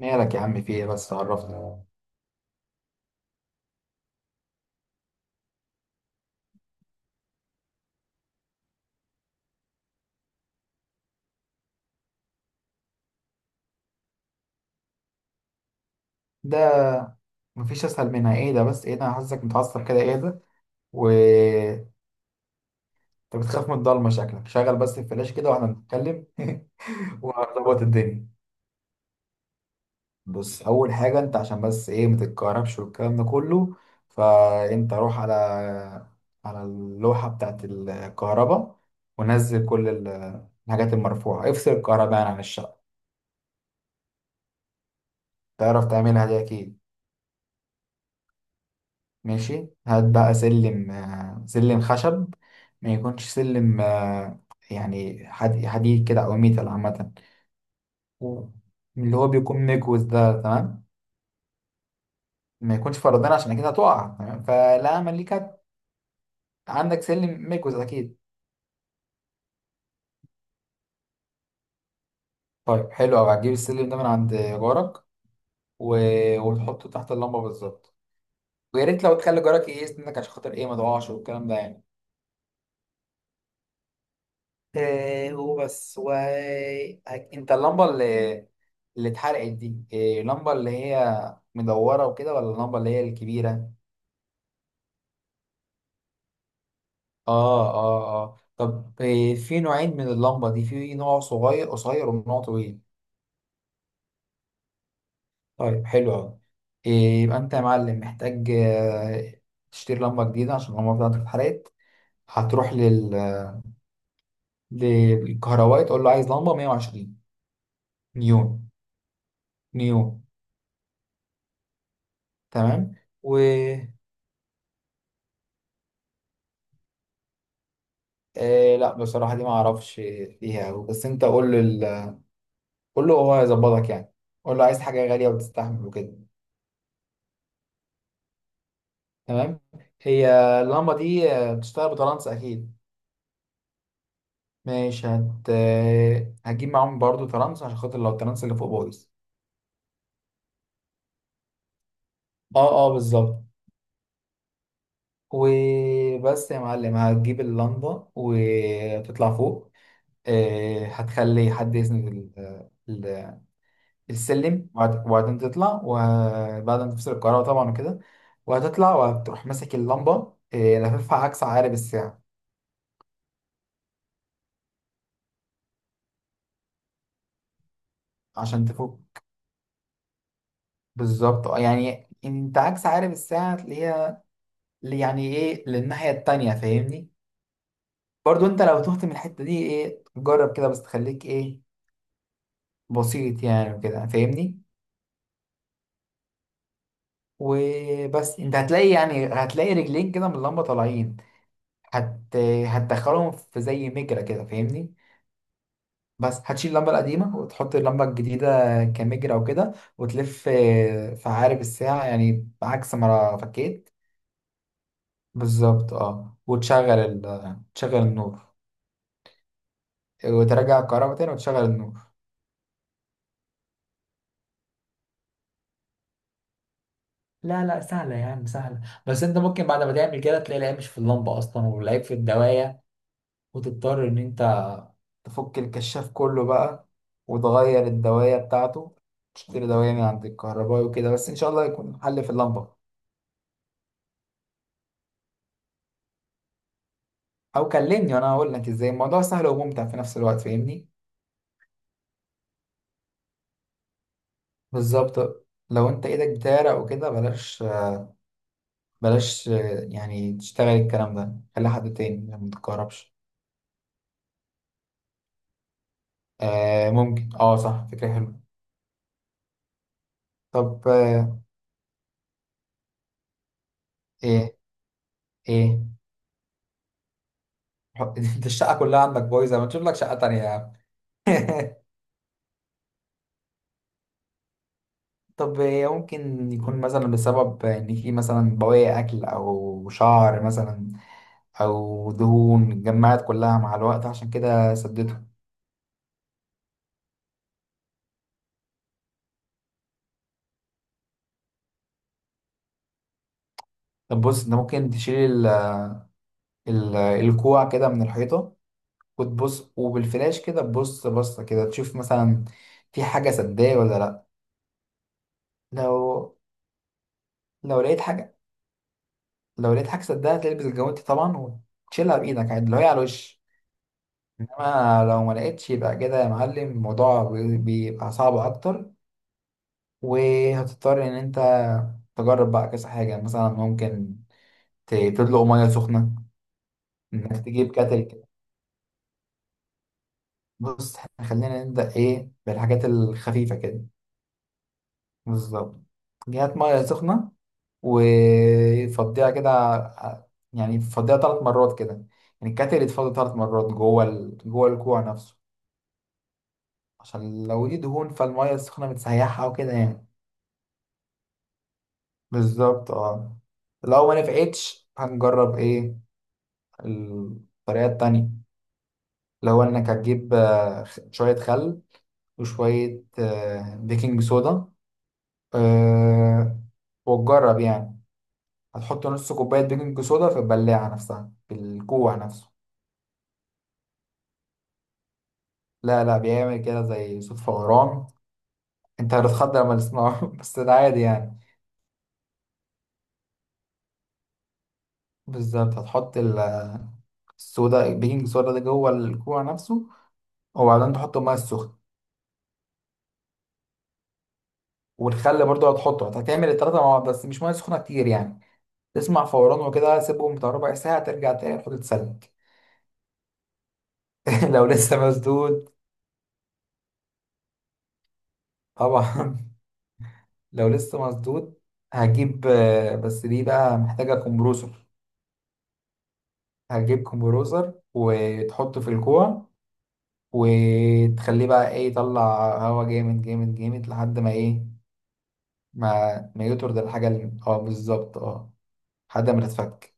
مالك يا عم، في ايه؟ بس عرفني. ده مفيش اسهل منها، ايه ده؟ بس ايه ده، انا حاسسك متعصب كده، ايه ده؟ و انت بتخاف من الضلمه؟ شكلك شغل بس الفلاش كده واحنا بنتكلم. وهنظبط الدنيا. بص، اول حاجه انت عشان بس ايه ما تتكهربش والكلام ده كله، فانت روح على اللوحه بتاعت الكهرباء، ونزل كل الحاجات المرفوعه، افصل الكهرباء يعني عن الشقه. تعرف تعملها دي اكيد. ماشي، هات بقى سلم، سلم خشب، ما يكونش سلم، يعني حديد كده او ميتال عامه. و- اللي هو بيكون مكوز ده، تمام. ما يكونش فرضان عشان اكيد هتقع، تمام فلا ملي كانت. عندك سلم مكوز اكيد؟ طيب حلو قوي، هتجيب السلم ده من عند جارك و... وتحطه تحت اللمبه بالظبط. ويا ريت لو تخلي جارك ايه يسندك عشان خاطر ايه ما تقعش والكلام ده يعني. إيه هو بس و انت اللمبه اللي اتحرقت دي، إيه؟ اللمبه اللي هي مدوره وكده، ولا اللمبه اللي هي الكبيره؟ اه طب إيه، في نوعين من اللمبة دي، في نوع صغير قصير ونوع طويل. طيب حلو أوي. إيه، يبقى أنت يا معلم محتاج، تشتري لمبة جديدة عشان اللمبة بتاعتك اتحرقت. هتروح للكهربائي تقول له عايز لمبة 120 نيون. نيون، تمام. و لا بصراحة دي ما أعرفش فيها أوي، بس أنت قول له قول له هو هيظبطك يعني. قول له عايز حاجة غالية وتستحمل وكده. تمام. هي اللمبة دي بتشتغل بترانس أكيد. ماشي، هجيب معاهم برضو ترانس عشان خاطر لو الترانس اللي فوق بايظ. اه بالظبط. وبس يا معلم، هتجيب اللمبة وتطلع فوق، هتخلي حد يسند السلم، وبعدين تطلع، وبعد ما تفصل الكهرباء طبعا وكده، وهتطلع وهتروح ماسك اللمبة، لففها عكس عقارب الساعة، عشان تفوق. بالظبط يعني انت عكس عقارب الساعة تلاقيها، يعني ايه للناحية التانية، فاهمني؟ برضو انت لو تهت من الحتة دي ايه جرب كده بس تخليك ايه بسيط يعني وكده، فاهمني؟ وبس انت هتلاقي، يعني هتلاقي رجلين كده من اللمبة طالعين. هت... هتدخلهم في زي مجرى كده، فاهمني؟ بس هتشيل اللمبة القديمة وتحط اللمبة الجديدة كمجرى وكده، وتلف في عقارب الساعة، يعني عكس ما فكيت. بالظبط اه. وتشغل تشغل النور، وترجع الكهرباء تاني وتشغل النور. لا لا، سهلة يا عم، سهلة. بس انت ممكن بعد ما تعمل كده تلاقي العيب مش في اللمبة اصلا والعيب في الدواية، وتضطر ان انت تفك الكشاف كله بقى، وتغير الدواية بتاعته، تشتري دواية من عند الكهربائي وكده، بس إن شاء الله يكون حل في اللمبة. أو كلمني وأنا هقول لك إزاي الموضوع سهل وممتع في نفس الوقت، فاهمني؟ بالظبط. لو أنت إيدك بتعرق وكده بلاش، بلاش يعني تشتغل الكلام ده، خلي حد تاني عشان ما تتكهربش. آه ممكن، اه صح، فكرة حلوة. طب إيه؟ ايه انت الشقه كلها عندك بايظه، ما تشوف لك شقه تانية يا عم؟ طب هي ممكن يكون مثلا بسبب ان في مثلا بواقي اكل او شعر مثلا، او دهون اتجمعت كلها مع الوقت عشان كده سدته. طب بص انت ممكن تشيل ال... الكوع كده من الحيطه، وتبص وبالفلاش كده تبص بصه كده، تشوف مثلا في حاجه سداه ولا لا. لو لو لقيت حاجه، لو لقيت حاجه سداها، تلبس الجوانتي طبعا وتشيلها بايدك عادي لو هي على الوش. انما لو ما لقيتش يبقى كده يا معلم الموضوع بيبقى صعب اكتر، وهتضطر ان انت تجرب بقى كذا حاجه، مثلا ممكن تدلق ميه سخنه، انك تجيب كاتل كده. بص إحنا خلينا نبدا ايه بالحاجات الخفيفه كده. بالظبط. جهات ميه سخنه، وفضيها كده يعني فضيها ثلاث مرات كده، يعني الكاتل يتفضى ثلاث مرات جوه جوه الكوع نفسه، عشان لو دي دهون فالميه السخنه بتسيحها وكده يعني. بالظبط اه. لو ما نفعتش هنجرب ايه الطريقة التانية، لو انك هتجيب شوية خل وشوية بيكنج صودا، آه، وتجرب يعني. هتحط نص كوباية بيكنج صودا في البلاعة نفسها في الكوع نفسه. لا لا، بيعمل كده زي صوت فوران، انت هتتخض لما تسمعه بس ده عادي يعني. بالظبط، هتحط الصودا، البيكنج صودا ده جوه الكوع نفسه، وبعدين تحط ميه سخنة. والخل برضه هتحطه، هتعمل التلاتة مع بعض بس مش مية سخنة كتير يعني. تسمع فوران وكده، سيبهم بتاع ربع ساعة، ترجع تاني تحط تسلق. لو لسه مسدود، طبعا. لو لسه مسدود، هجيب بس دي بقى محتاجة كومبروسر. هتجيب كومبروسر وتحطه في الكوع، وتخليه بقى ايه يطلع هوا جامد جامد جامد لحد ما ايه، ما يطرد الحاجة اللي اه، بالظبط اه. لحد ما تتفك،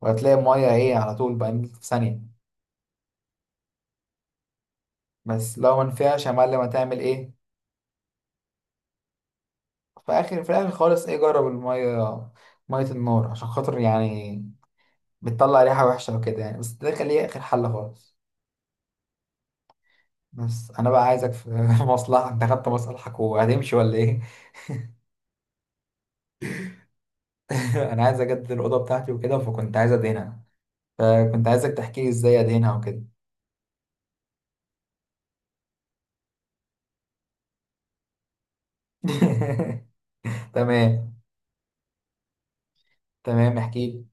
وهتلاقي المية ايه على طول بقى في ثانية. بس لو ما نفعش يا معلم هتعمل ايه؟ في الاخر خالص، ايه جرب الميه، ميه النار عشان خاطر يعني بتطلع ريحه وحشه وكده يعني، بس ده خليه اخر حل خالص. بس انا بقى عايزك في مصلحه، انت خدت مصلحك وهتمشي ولا ايه؟ انا عايز اجدد الاوضه بتاعتي وكده، فكنت عايز ادهنها، فكنت عايزك تحكي لي ازاي ادهنها وكده. تمام تمام، احكي لي.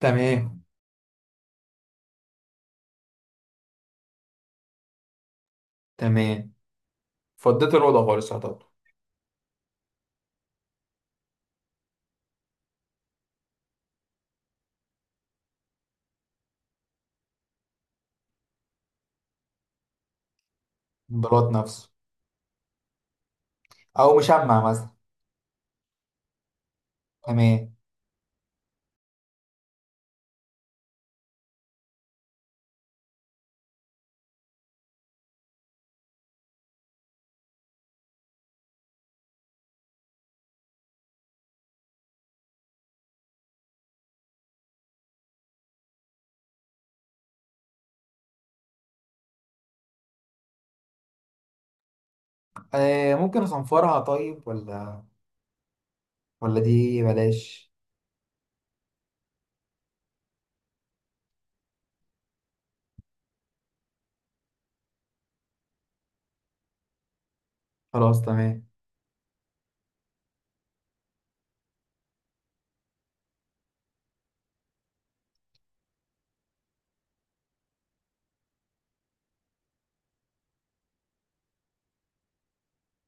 تمام تمام، فضيت الاوضه خالص يعتبر. البلاط نفسه او مشمع مثلا. تمام. آه ممكن اصنفرها، طيب ولا، ولا دي بلاش؟ خلاص تمام.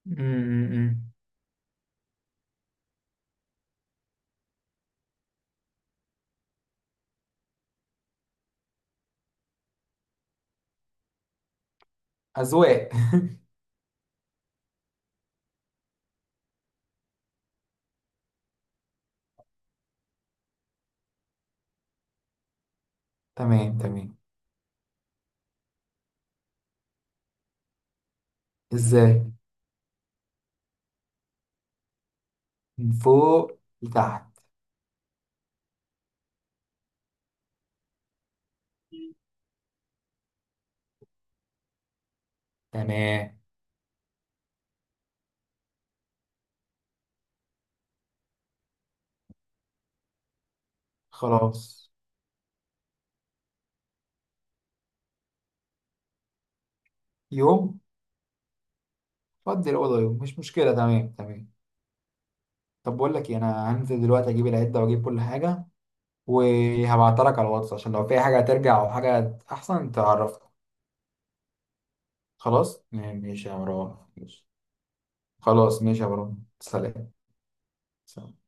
م- م- م. اذواق. تمام تمام. ازاي؟ من فوق لتحت. تمام. خلاص. يوم. فضي الاوضه يوم، مش مشكله، تمام تمام. طب بقول لك إيه، انا هنزل دلوقتي اجيب العده واجيب كل حاجه، وهبعتها لك على الواتس عشان لو في حاجه هترجع او حاجه احسن تعرفني. خلاص ماشي يا مروان، ماشي. خلاص ماشي يا مروان، سلام. سلام.